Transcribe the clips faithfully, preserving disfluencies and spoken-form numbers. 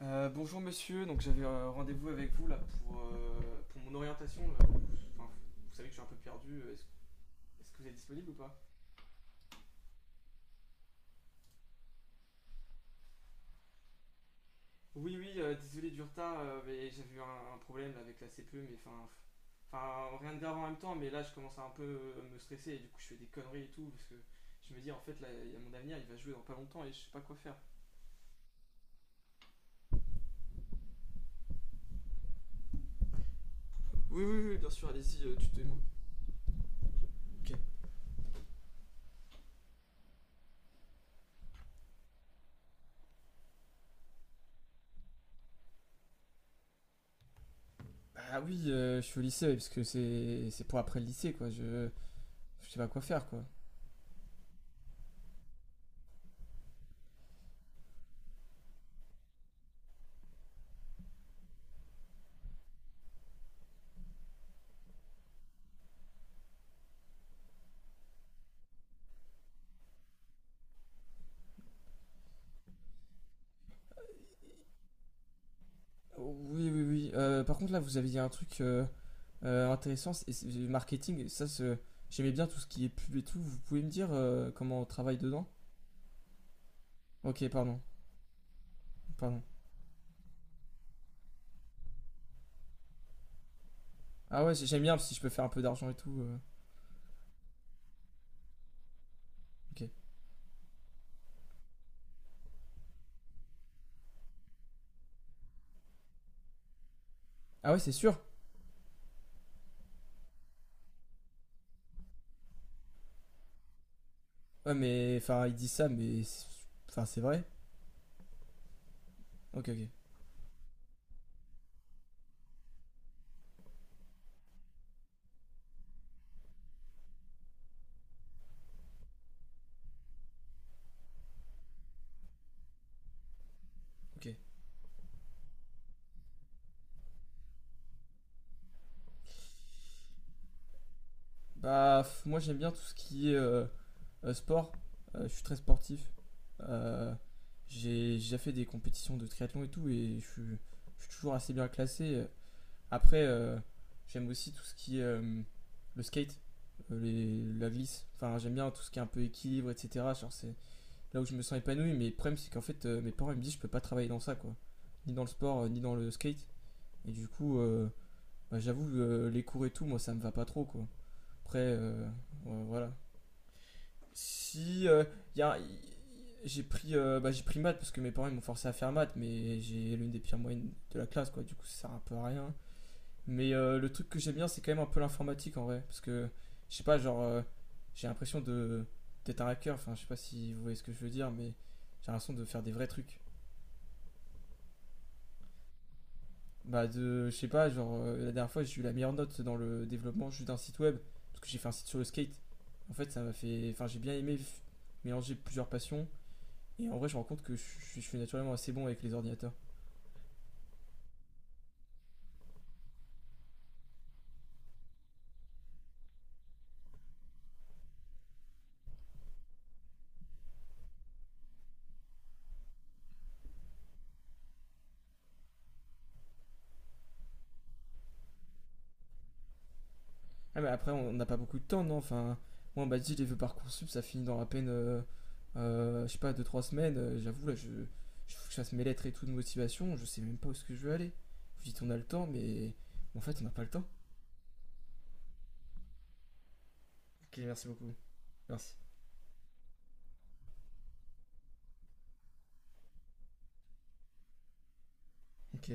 Euh, bonjour monsieur, donc j'avais euh, rendez-vous avec vous là pour, euh, pour mon orientation. Là. Enfin, vous savez que je suis un peu perdu, est-ce est-ce que vous êtes disponible ou pas? Oui oui, euh, désolé du retard, euh, mais j'avais eu un, un problème là, avec la C P E, mais enfin. Enfin, rien de grave en même temps, mais là je commence à un peu euh, me stresser et du coup je fais des conneries et tout, parce que je me dis en fait là, il y a mon avenir, il va jouer dans pas longtemps et je sais pas quoi faire. Oui oui oui, bien sûr, allez-y, euh, tu te moi. Ok. Bah oui, euh, je suis au lycée, parce que c'est c'est pour après le lycée, quoi. Je, je sais pas quoi faire, quoi. Oui, oui, oui. Euh, par contre, là, vous avez dit un truc euh, euh, intéressant, c'est c'est le marketing. Ça, c'est- j'aimais bien tout ce qui est pub et tout. Vous pouvez me dire euh, comment on travaille dedans? Ok, pardon, pardon. Ah ouais, j'aime bien si je peux faire un peu d'argent et tout. euh, ok. Ah ouais, c'est sûr. Ouais, mais enfin, ils disent ça, mais c'est- enfin, c'est vrai. Ok, ok, ok. Bah, pff, moi, j'aime bien tout ce qui est euh, euh, sport. Euh, je suis très sportif. Euh, j'ai j'ai déjà fait des compétitions de triathlon et tout, et je suis je suis toujours assez bien classé. Après, euh, j'aime aussi tout ce qui est euh, le skate, euh, les- la glisse. Enfin, j'aime bien tout ce qui est un peu équilibre, et cetera. Genre, c'est là où je me sens épanoui. Mais le problème, c'est qu'en fait, euh, mes parents ils me disent je peux pas travailler dans ça, quoi. Ni dans le sport, euh, ni dans le skate. Et du coup, euh, bah, j'avoue, euh, les cours et tout, moi, ça me va pas trop, quoi. Après, euh, ouais, voilà. Si. euh, y a, y- j'ai pris, euh, bah, j'ai pris maths parce que mes parents ils m'ont forcé à faire maths, mais j'ai l'une des pires moyennes de la classe, quoi. Du coup, ça sert un peu à rien. Mais euh, le truc que j'aime bien, c'est quand même un peu l'informatique en vrai. Parce que, je sais pas, genre, euh, j'ai l'impression de d'être un hacker. Enfin, je sais pas si vous voyez ce que je veux dire, mais j'ai l'impression de faire des vrais trucs. Bah, de, je sais pas, genre, euh, la dernière fois, j'ai eu la meilleure note dans le développement juste d'un site web. Parce que j'ai fait un site sur le skate. En fait, ça m'a fait. Enfin, j'ai bien aimé f- mélanger plusieurs passions. Et en vrai, je me rends compte que je je suis naturellement assez bon avec les ordinateurs. Ah, mais après, on n'a pas beaucoup de temps, non? Enfin, moi, on m'a dit, les vœux Parcoursup, ça finit dans à peine, euh, euh, je sais pas, deux trois semaines. Euh, J'avoue, là, je, je faut que je fasse mes lettres et tout de motivation. Je sais même pas où est-ce que je veux aller. Vous dites, on a le temps, mais en fait, on n'a pas le temps. Ok, merci beaucoup. Merci. Ok,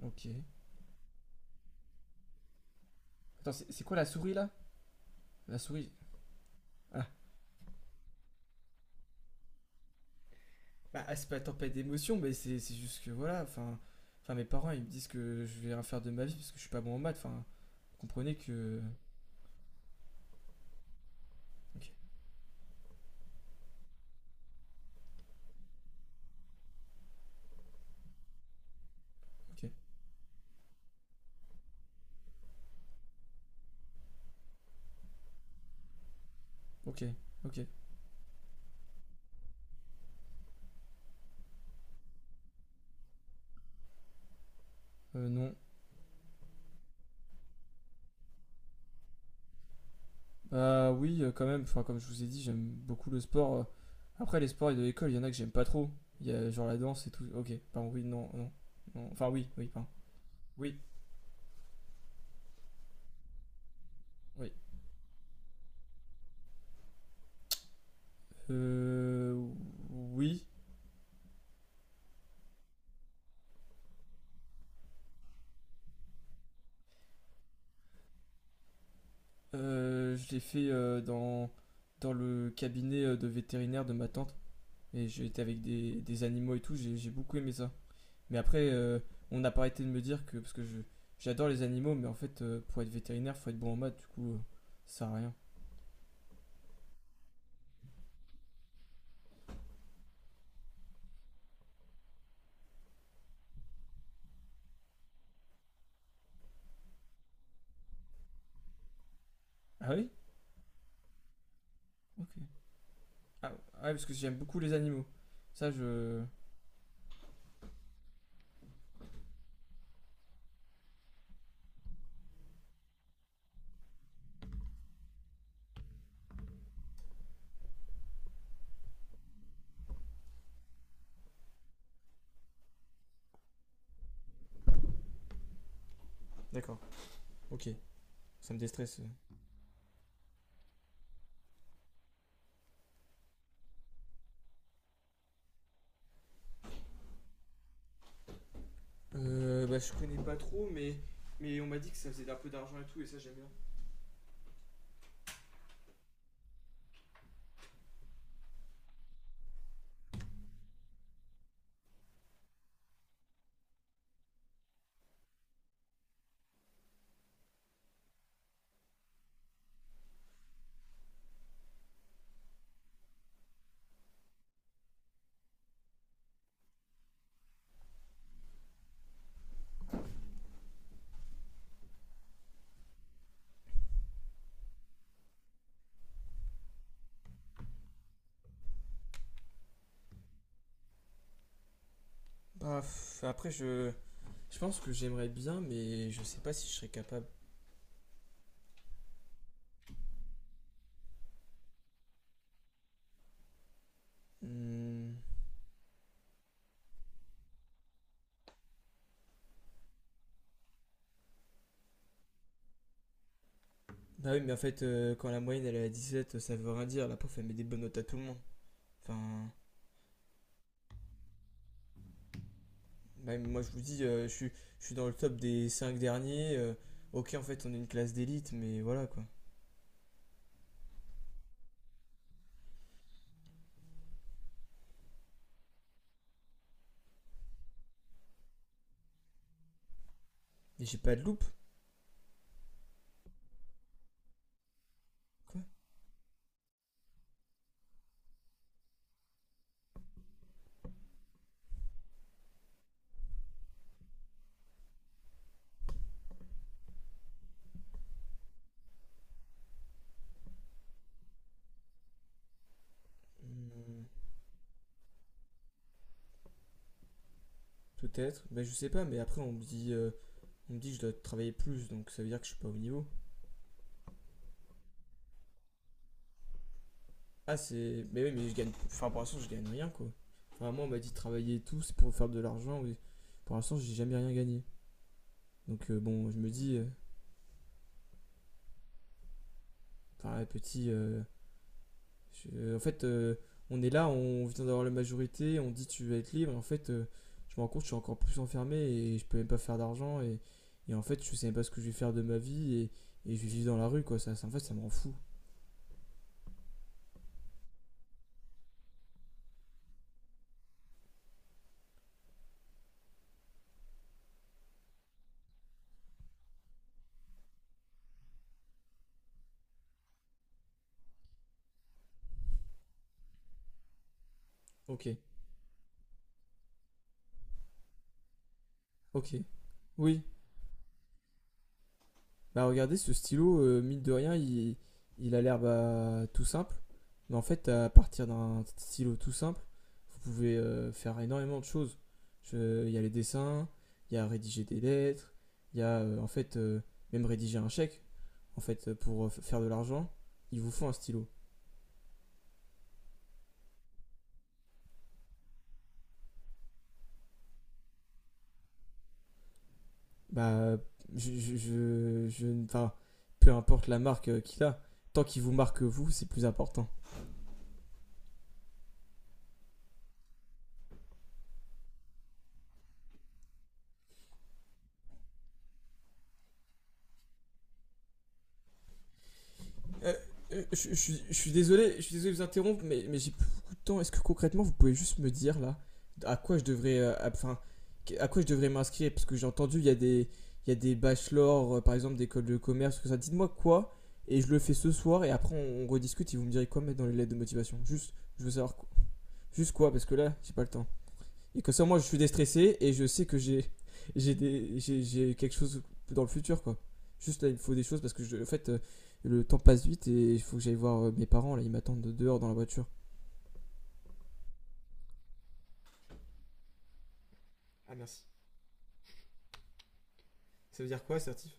ok. Attends, c'est c'est quoi la souris, là? La souris. Ah, bah, ah, c'est pas tempête d'émotion, mais c'est c'est juste que, voilà, enfin. Enfin, mes parents, ils me disent que je vais rien faire de ma vie parce que je suis pas bon en maths. Enfin, comprenez que. Ok, ok, ok, ok. Euh, non, Euh, oui, euh, quand même. Enfin, comme je vous ai dit, j'aime beaucoup le sport. Euh, Après, les sports de l'école, il y en a que j'aime pas trop. Il y a genre la danse et tout. Ok, pardon, oui, non, non. Non. Enfin, oui, oui, pardon. Oui, oui. Euh, oui, euh, je l'ai fait euh, dans, dans le cabinet euh, de vétérinaire de ma tante. Et j'ai été avec des, des animaux et tout, j'ai j'ai beaucoup aimé ça. Mais après, euh, on n'a pas arrêté de me dire que, parce que je j'adore les animaux, mais en fait, euh, pour être vétérinaire, faut être bon en maths, du coup, euh, ça sert à rien. Ah oui. Ok. Ah ouais, parce que j'aime beaucoup les animaux. Ça, je. D'accord, ok. Ça me déstresse. Euh, bah, je connais pas trop, mais. Mais on m'a dit que ça faisait un peu d'argent et tout, et ça, j'aime bien. Bah, pff, après, je. Je pense que j'aimerais bien, mais je sais pas si je serais capable. Hmm. Bah oui, mais en fait, euh, quand la moyenne elle est à dix-sept, ça veut rien dire. La prof elle met des bonnes notes à tout le monde. Enfin, bah, oui, mais moi je vous dis, euh, je, suis, je suis dans le top des cinq derniers. euh, ok, en fait, on est une classe d'élite, mais voilà quoi. Et j'ai pas de loupe, quoi. Hmm. Peut-être, ben je sais pas, mais après on me dit, euh, on me dit que je dois travailler plus, donc ça veut dire que je suis pas au niveau. Ah c'est, mais oui, mais je gagne, enfin pour l'instant je gagne rien quoi. Enfin moi on m'a dit de travailler et tout, c'est pour faire de l'argent, oui. Pour l'instant j'ai jamais rien gagné. Donc euh, bon, je me dis, euh, enfin ouais, petit, euh, je- euh, en fait euh, on est là, on vient d'avoir la majorité, on dit tu vas être libre, et en fait euh, je me rends compte que je suis encore plus enfermé et je peux même pas faire d'argent, et, et en fait je sais même pas ce que je vais faire de ma vie, et, et je vais vivre dans la rue quoi. ça, ça en fait ça me rend fou. Ok. Ok. Oui. Bah regardez, ce stylo, euh, mine de rien, il, il a l'air bah, tout simple. Mais en fait, à partir d'un stylo tout simple, vous pouvez euh, faire énormément de choses. Je- Il y a les dessins, il y a rédiger des lettres, il y a euh, en fait euh, même rédiger un chèque. En fait, euh, pour euh, f- faire de l'argent, il vous faut un stylo. Bah, je, je, je, je- enfin, peu importe la marque euh, qu'il a, tant qu'il vous marque vous, c'est plus important. Euh, euh, je, je suis- je suis désolé, je suis désolé de vous interrompre, mais, mais j'ai plus beaucoup de temps. Est-ce que concrètement, vous pouvez juste me dire là à quoi je devrais, euh, à- enfin, à quoi je devrais m'inscrire? Parce que j'ai entendu, il y a des, il y a des bachelors, euh, par exemple, d'école de commerce, tout ça. Dites-moi quoi, et je le fais ce soir, et après on, on rediscute. Et vous me direz quoi mettre dans les lettres de motivation. Juste, je veux savoir quoi- juste quoi, parce que là, j'ai pas le temps. Et comme ça, moi, je suis déstressé et je sais que j'ai j'ai des- j'ai- j'ai quelque chose dans le futur, quoi. Juste là, il me faut des choses parce que, je, en fait, euh, le temps passe vite et il faut que j'aille voir euh, mes parents. Là, ils m'attendent de- dehors dans la voiture. Ah merci. Ça veut dire quoi, certif?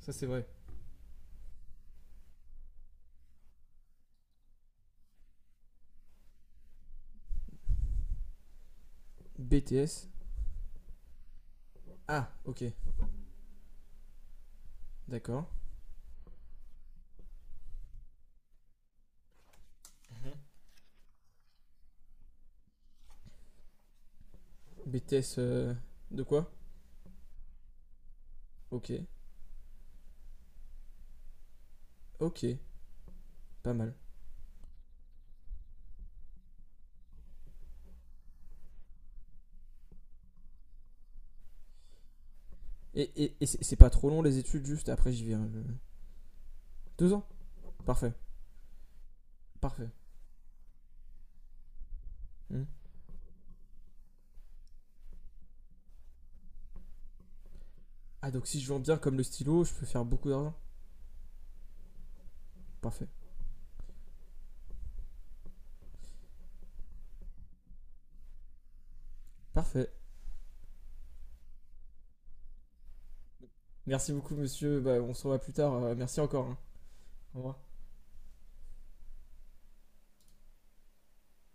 Ça c'est vrai. B T S. Ah, ok, d'accord. B T S euh, de quoi? Ok, ok, pas mal. Et, et, et c'est pas trop long les études, juste après j'y vais, hein, je- Deux ans? Parfait, parfait. Hmm. Ah, donc si je vends bien comme le stylo, je peux faire beaucoup d'argent? Parfait, parfait. Merci beaucoup, monsieur. Bah, on se revoit plus tard. Euh, merci encore, hein. Au revoir.